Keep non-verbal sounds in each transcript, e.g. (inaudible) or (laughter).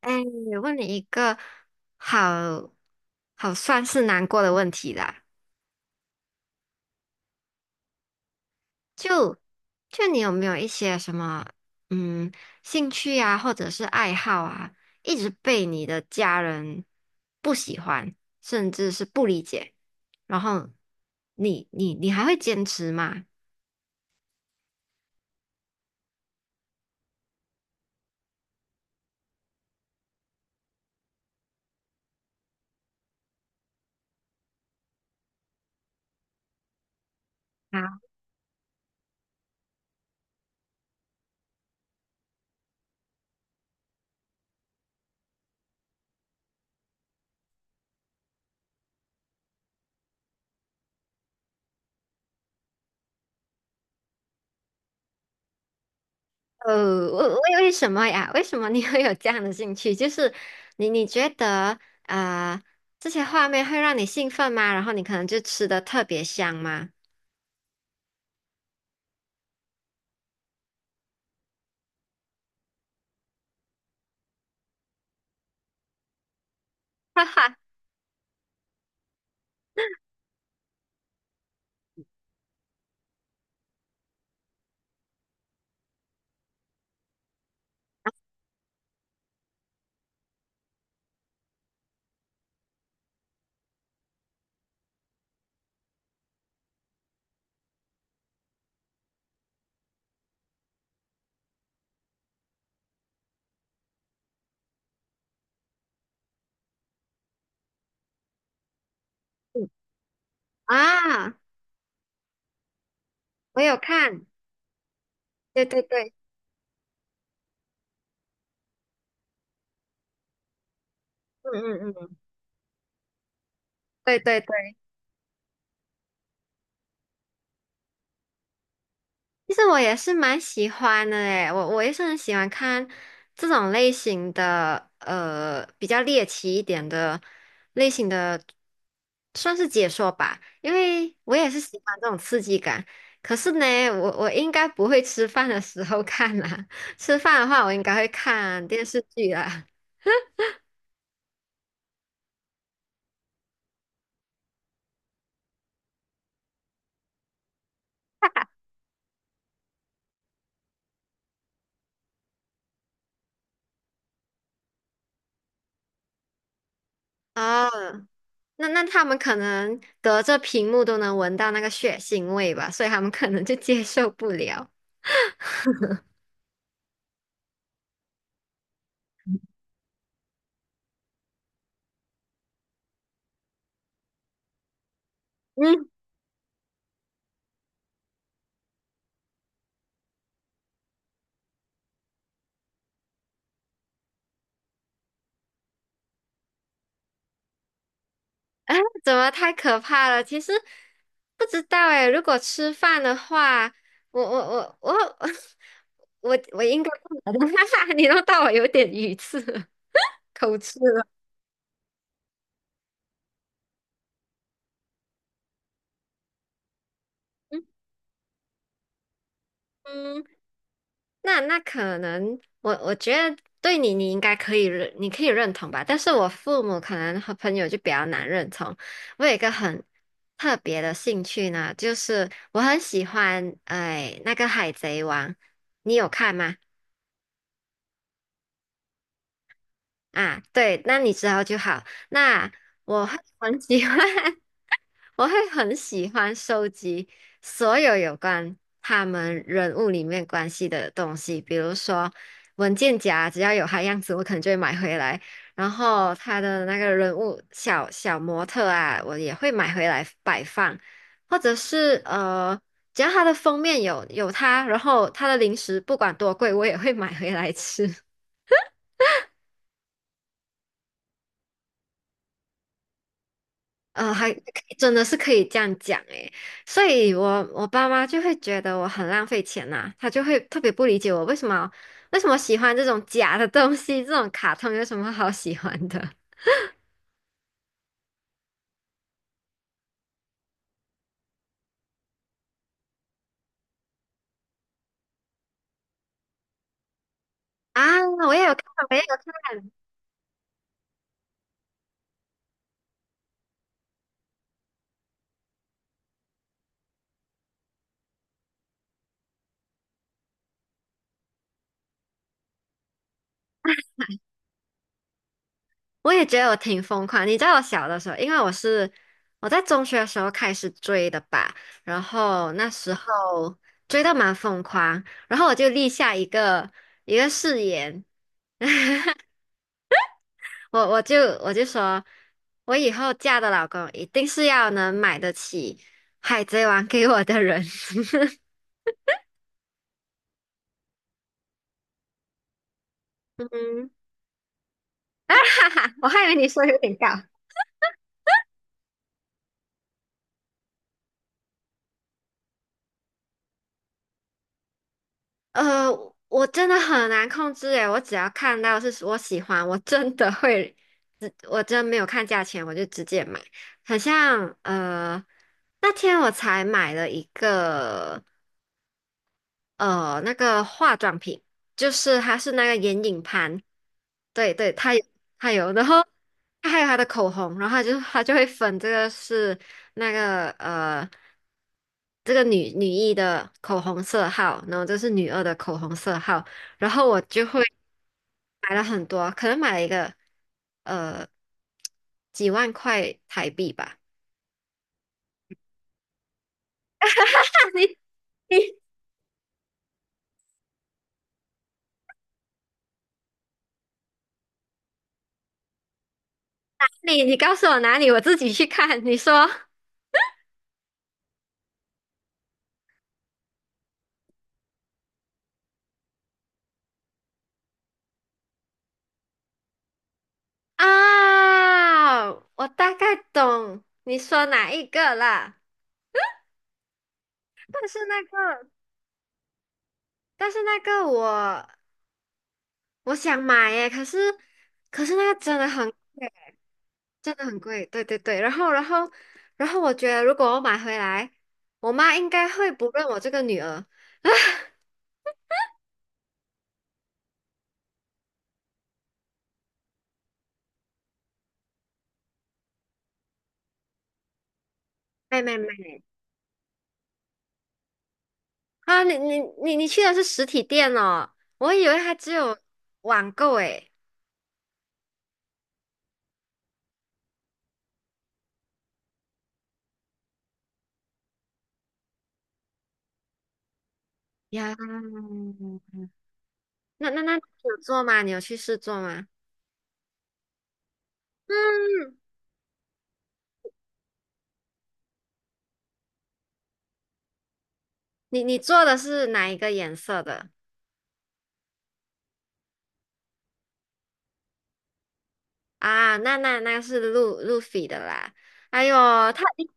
哎，问你一个好好算是难过的问题啦，就就你有没有一些什么嗯兴趣啊，或者是爱好啊，一直被你的家人不喜欢，甚至是不理解，然后你还会坚持吗？啊？呃，为为什么呀？为什么你 (laughs) 会有这样的兴趣？就是你觉得啊、这些画面会让你兴奋吗？然后你可能就吃的特别香吗？(laughs) 哈哈，嗯啊，我有看，对对对，嗯嗯嗯，对对对。其实我也是蛮喜欢的诶，我也是很喜欢看这种类型的，比较猎奇一点的类型的，算是解说吧，因为我也是喜欢这种刺激感。可是呢，我应该不会吃饭的时候看啦，(laughs) 吃饭的话我应该会看电视剧啦。哦，那他们可能隔着屏幕都能闻到那个血腥味吧，所以他们可能就接受不了。(laughs) 嗯。(laughs) 啊，怎么太可怕了？其实不知道哎。如果吃饭的话，我 (laughs) 我应该不能，(laughs) 你弄到我有点语塞了，口吃了。嗯嗯，那可能我觉得对你，你应该可以认，你可以认同吧。但是我父母可能和朋友就比较难认同。我有一个很特别的兴趣呢，就是我很喜欢哎那个《海贼王》，你有看吗？啊，对，那你知道就好。那我会很 (laughs) 喜欢，(laughs) 我会很喜欢收集所有有关他们人物里面关系的东西，比如说文件夹，只要有他样子，我可能就会买回来。然后他的那个人物小小模特啊，我也会买回来摆放，或者是只要他的封面有他，然后他的零食不管多贵，我也会买回来吃。还真的是可以这样讲诶，所以我爸妈就会觉得我很浪费钱呐、他就会特别不理解我为什么为什么喜欢这种假的东西，这种卡通有什么好喜欢的 (laughs) 啊？我也有看，我也有看，我也觉得我挺疯狂。你知道我小的时候，因为我在中学的时候开始追的吧，然后那时候追的蛮疯狂，然后我就立下一个誓言。我我就我就说，我以后嫁的老公一定是要能买得起《海贼王》给我的人。(laughs) 嗯，哈哈，我还以为你说有点高。呃，我真的很难控制诶，我只要看到是我喜欢，我真的会，真没有看价钱，我就直接买。好像那天我才买了一个。那个化妆品，就是它是那个眼影盘，对对，它有它有，然后它还有它的口红，然后它就会分这个是那个这个女一的口红色号，然后这是女二的口红色号，然后我就会买了很多，可能买了一个呃几万块台币吧。(laughs) 你你告诉我哪里，我自己去看。你说。啊，我大概懂你说哪一个啦，但是那个，但是那个我想买耶，可是那个真的很贵，真的很贵，对对对，然后我觉得如果我买回来，我妈应该会不认我这个女儿。(laughs) 没没没啊，你去的是实体店哦，我以为它只有网购诶。呀，那你有做吗？你有去试做吗？嗯。你你做的是哪一个颜色的啊？那是路飞的啦。哎呦，它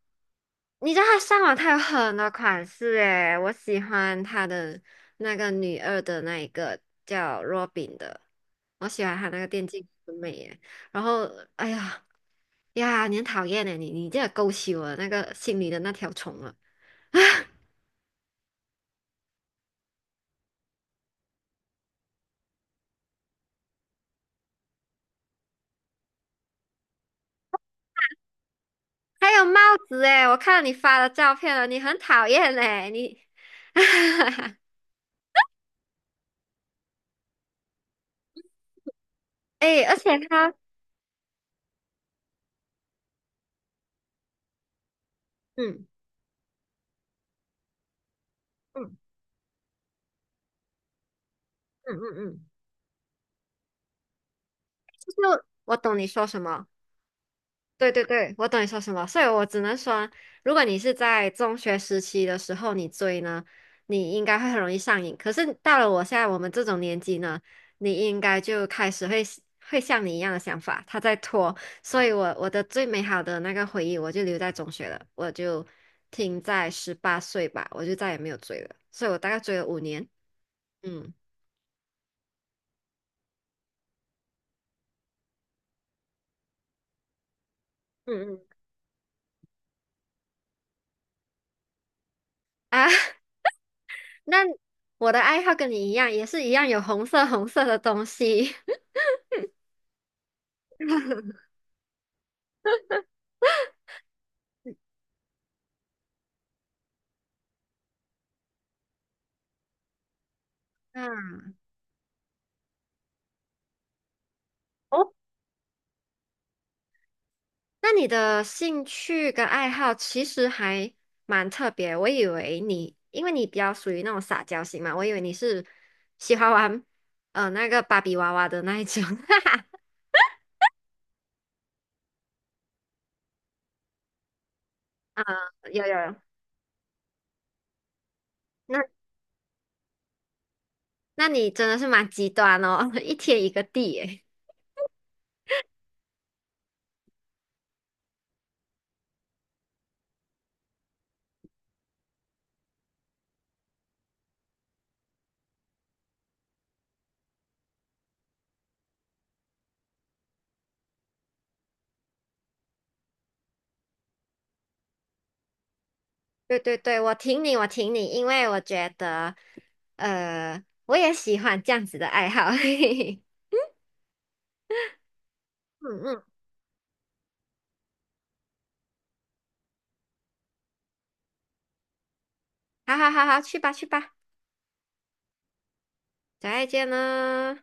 你知道它上网它有很多款式诶，我喜欢它的那个女二的那一个叫 Robin 的，我喜欢它那个电竞很美耶。然后哎呀呀，你很讨厌诶，你这勾起我那个心里的那条虫了。(laughs) 还有帽子诶，我看到你发的照片了，你很讨厌诶，你。(laughs) 哎，而且他，嗯嗯嗯嗯嗯，就是我懂你说什么，对对对，我懂你说什么，所以我只能说，如果你是在中学时期的时候你追呢，你应该会很容易上瘾。可是到了我现在我们这种年纪呢，你应该就开始会像你一样的想法，他在拖，所以我的最美好的那个回忆我就留在中学了，我就停在18岁吧，我就再也没有追了，所以我大概追了5年，嗯嗯嗯，啊。那我的爱好跟你一样，也是一样有红色的东西。(laughs) 嗯，哦，那你的兴趣跟爱好其实还蛮特别。我以为你，因为你比较属于那种撒娇型嘛，我以为你是喜欢玩那个芭比娃娃的那一种。(laughs) 哈哈，有有有，那那你真的是蛮极端哦，(laughs) 一天一个地诶。(laughs) 对对对，我挺你，我挺你，因为我觉得，我也喜欢这样子的爱好。(laughs) 嗯嗯。好好好好，去吧去吧，再见了。